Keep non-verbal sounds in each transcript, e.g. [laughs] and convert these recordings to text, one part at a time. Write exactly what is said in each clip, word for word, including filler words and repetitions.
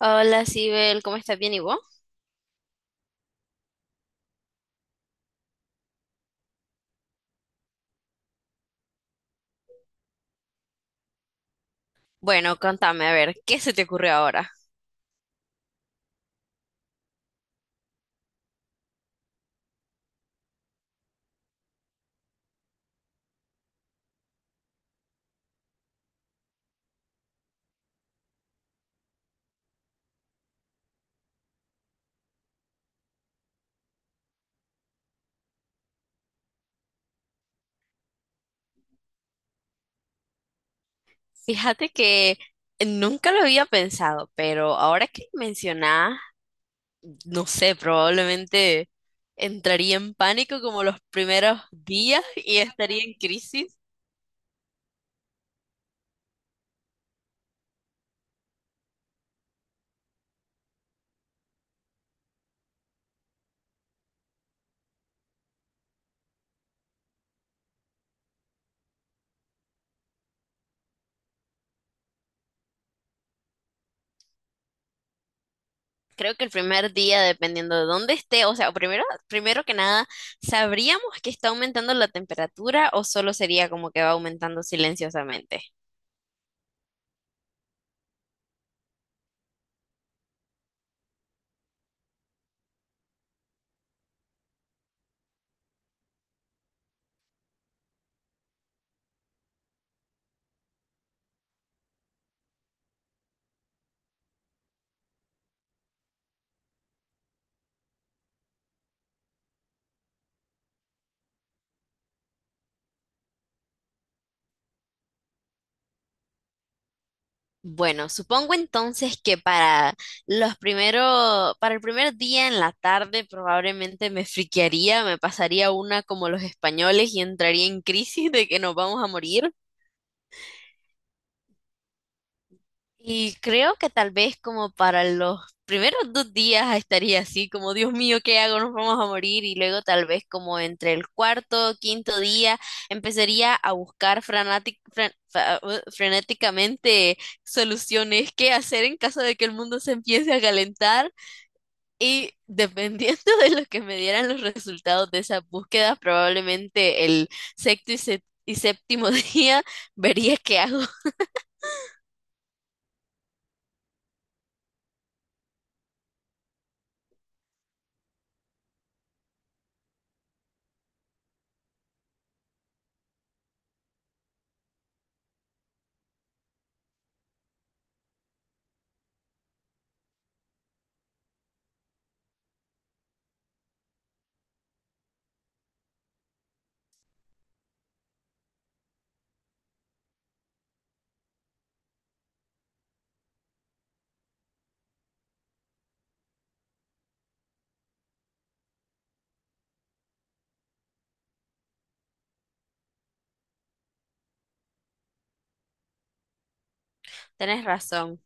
Hola, Sibel, ¿cómo estás? ¿Bien y vos? Bueno, contame, a ver, ¿qué se te ocurrió ahora? Fíjate que nunca lo había pensado, pero ahora que mencionás, no sé, probablemente entraría en pánico como los primeros días [laughs] y estaría en crisis. Creo que el primer día, dependiendo de dónde esté, o sea, primero, primero que nada, ¿sabríamos que está aumentando la temperatura o solo sería como que va aumentando silenciosamente? Bueno, supongo entonces que para los primero, para el primer día en la tarde probablemente me friquearía, me pasaría una como los españoles y entraría en crisis de que nos vamos a morir. Y creo que tal vez como para los primeros dos días estaría así, como Dios mío, ¿qué hago? Nos vamos a morir. Y luego tal vez como entre el cuarto, quinto día, empezaría a buscar frenátic- fren- fa- uh, frenéticamente soluciones, qué hacer en caso de que el mundo se empiece a calentar. Y dependiendo [laughs] de lo que me dieran los resultados de esas búsquedas, probablemente el sexto y, sé- y séptimo [laughs] día vería qué hago. Tienes razón.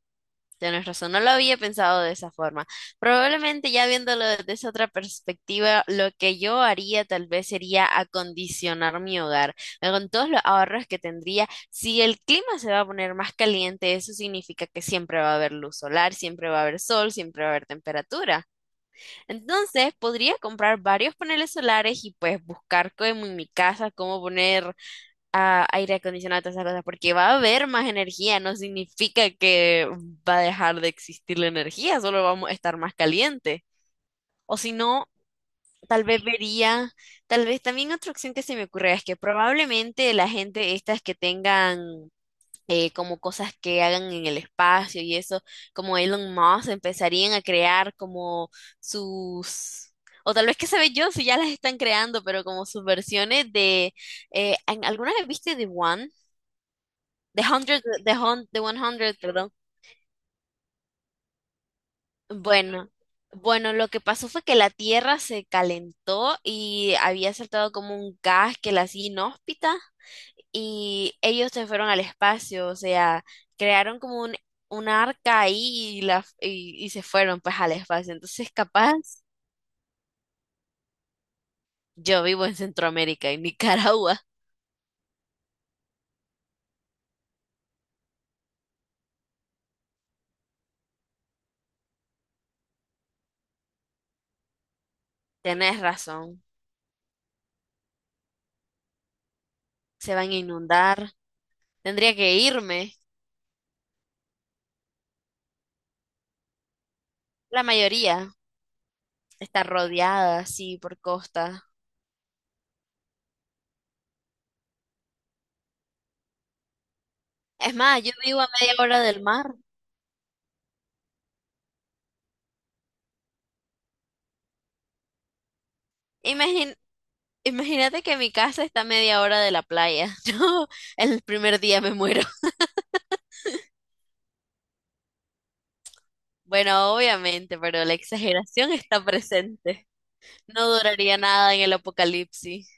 Tienes razón, no lo había pensado de esa forma. Probablemente ya viéndolo desde esa otra perspectiva, lo que yo haría tal vez sería acondicionar mi hogar. Eh, Con todos los ahorros que tendría, si el clima se va a poner más caliente, eso significa que siempre va a haber luz solar, siempre va a haber sol, siempre va a haber temperatura. Entonces, podría comprar varios paneles solares y pues buscar como en mi casa cómo poner a aire acondicionado, todas esas cosas, porque va a haber más energía, no significa que va a dejar de existir la energía, solo vamos a estar más caliente. O si no, tal vez vería, tal vez también otra opción que se me ocurre es que probablemente la gente estas que tengan eh, como cosas que hagan en el espacio y eso, como Elon Musk, empezarían a crear como sus... O tal vez que sabe yo si ya las están creando, pero como sus versiones de... eh, ¿en- ¿alguna vez viste The One? The Hundred, The Hun- The one hundred, perdón. Bueno, bueno, lo que pasó fue que la Tierra se calentó y había saltado como un gas que la hacía inhóspita y ellos se fueron al espacio, o sea, crearon como un, un arca ahí y, la, y, y se fueron pues al espacio. Entonces, capaz, yo vivo en Centroamérica, en Nicaragua. Tenés razón, se van a inundar. Tendría que irme. La mayoría está rodeada, sí, por costas. Es más, yo vivo a media hora del mar. Imagin- imagínate que mi casa está a media hora de la playa. [laughs] Yo el primer día me muero. Bueno, obviamente, pero la exageración está presente. No duraría nada en el apocalipsis.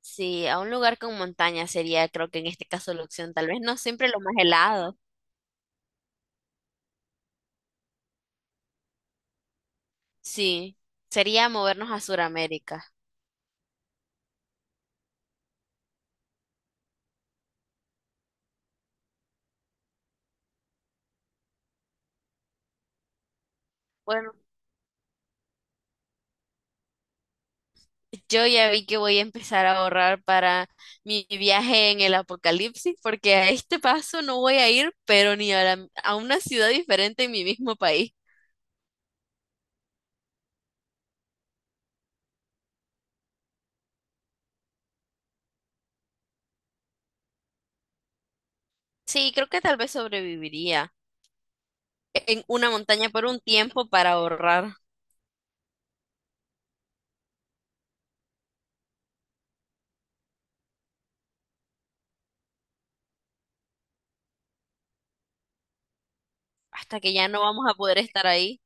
Sí, a un lugar con montaña sería, creo que en este caso la opción, tal vez no siempre lo más helado. Sí, sería movernos a Sudamérica. Bueno, yo ya vi que voy a empezar a ahorrar para mi viaje en el apocalipsis, porque a este paso no voy a ir, pero ni a, la- a una ciudad diferente en mi mismo país. Sí, creo que tal vez sobreviviría en una montaña por un tiempo para ahorrar, hasta que ya no vamos a poder estar ahí.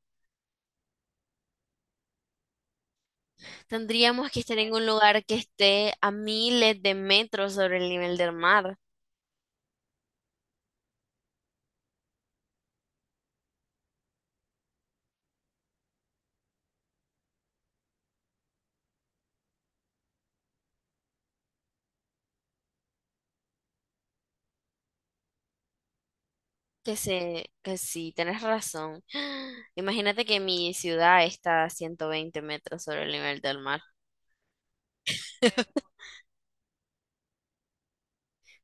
Tendríamos que estar en un lugar que esté a miles de metros sobre el nivel del mar. Que se, que sí, tenés razón. [gasps] Imagínate que mi ciudad está a ciento veinte metros sobre el nivel del mar.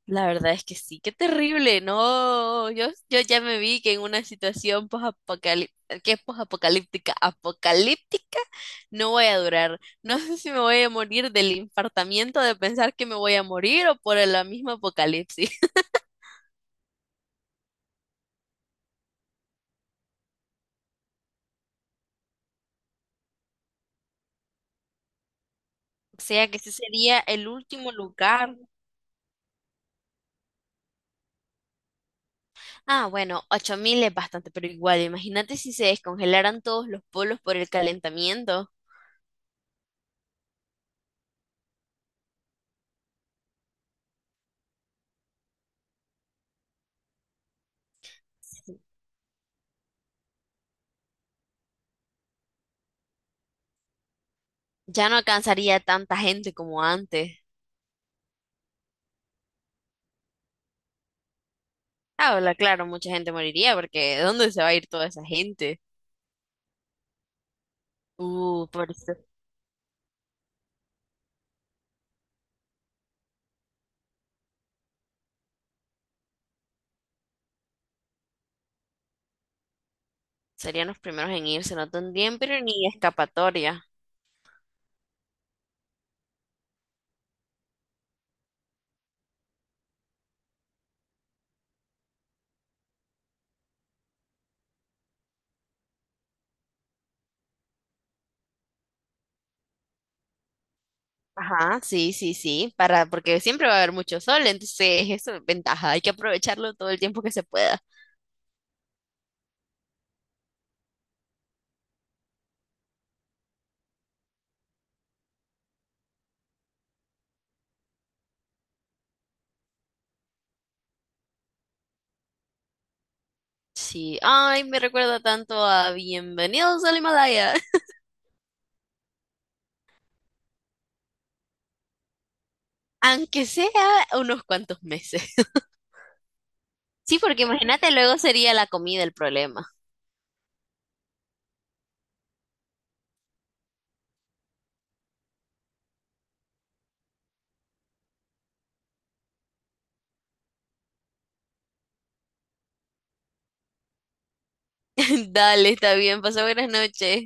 La verdad es que sí, qué terrible, no, yo, yo ya me vi que en una situación posapocalíptica, que es posapocalíptica, apocalíptica, no voy a durar. No sé si me voy a morir del infartamiento de pensar que me voy a morir o por la misma apocalipsis. [laughs] O sea que ese sería el último lugar. Ah, bueno, ocho mil es bastante, pero igual, imagínate si se descongelaran todos los polos por el calentamiento. Ya no alcanzaría tanta gente como antes. Ah, hola, claro, mucha gente moriría porque ¿de dónde se va a ir toda esa gente? Uh, por eso serían los primeros en irse, no tendrían pero ni escapatoria. Ajá, sí, sí, sí, para, porque siempre va a haber mucho sol, entonces eso es ventaja, hay que aprovecharlo todo el tiempo que se pueda. Sí, ay, me recuerda tanto a Bienvenidos al Himalaya, [laughs] aunque sea unos cuantos meses. Sí, porque imagínate, luego sería la comida el problema. [laughs] Dale, está bien, pasó buenas noches.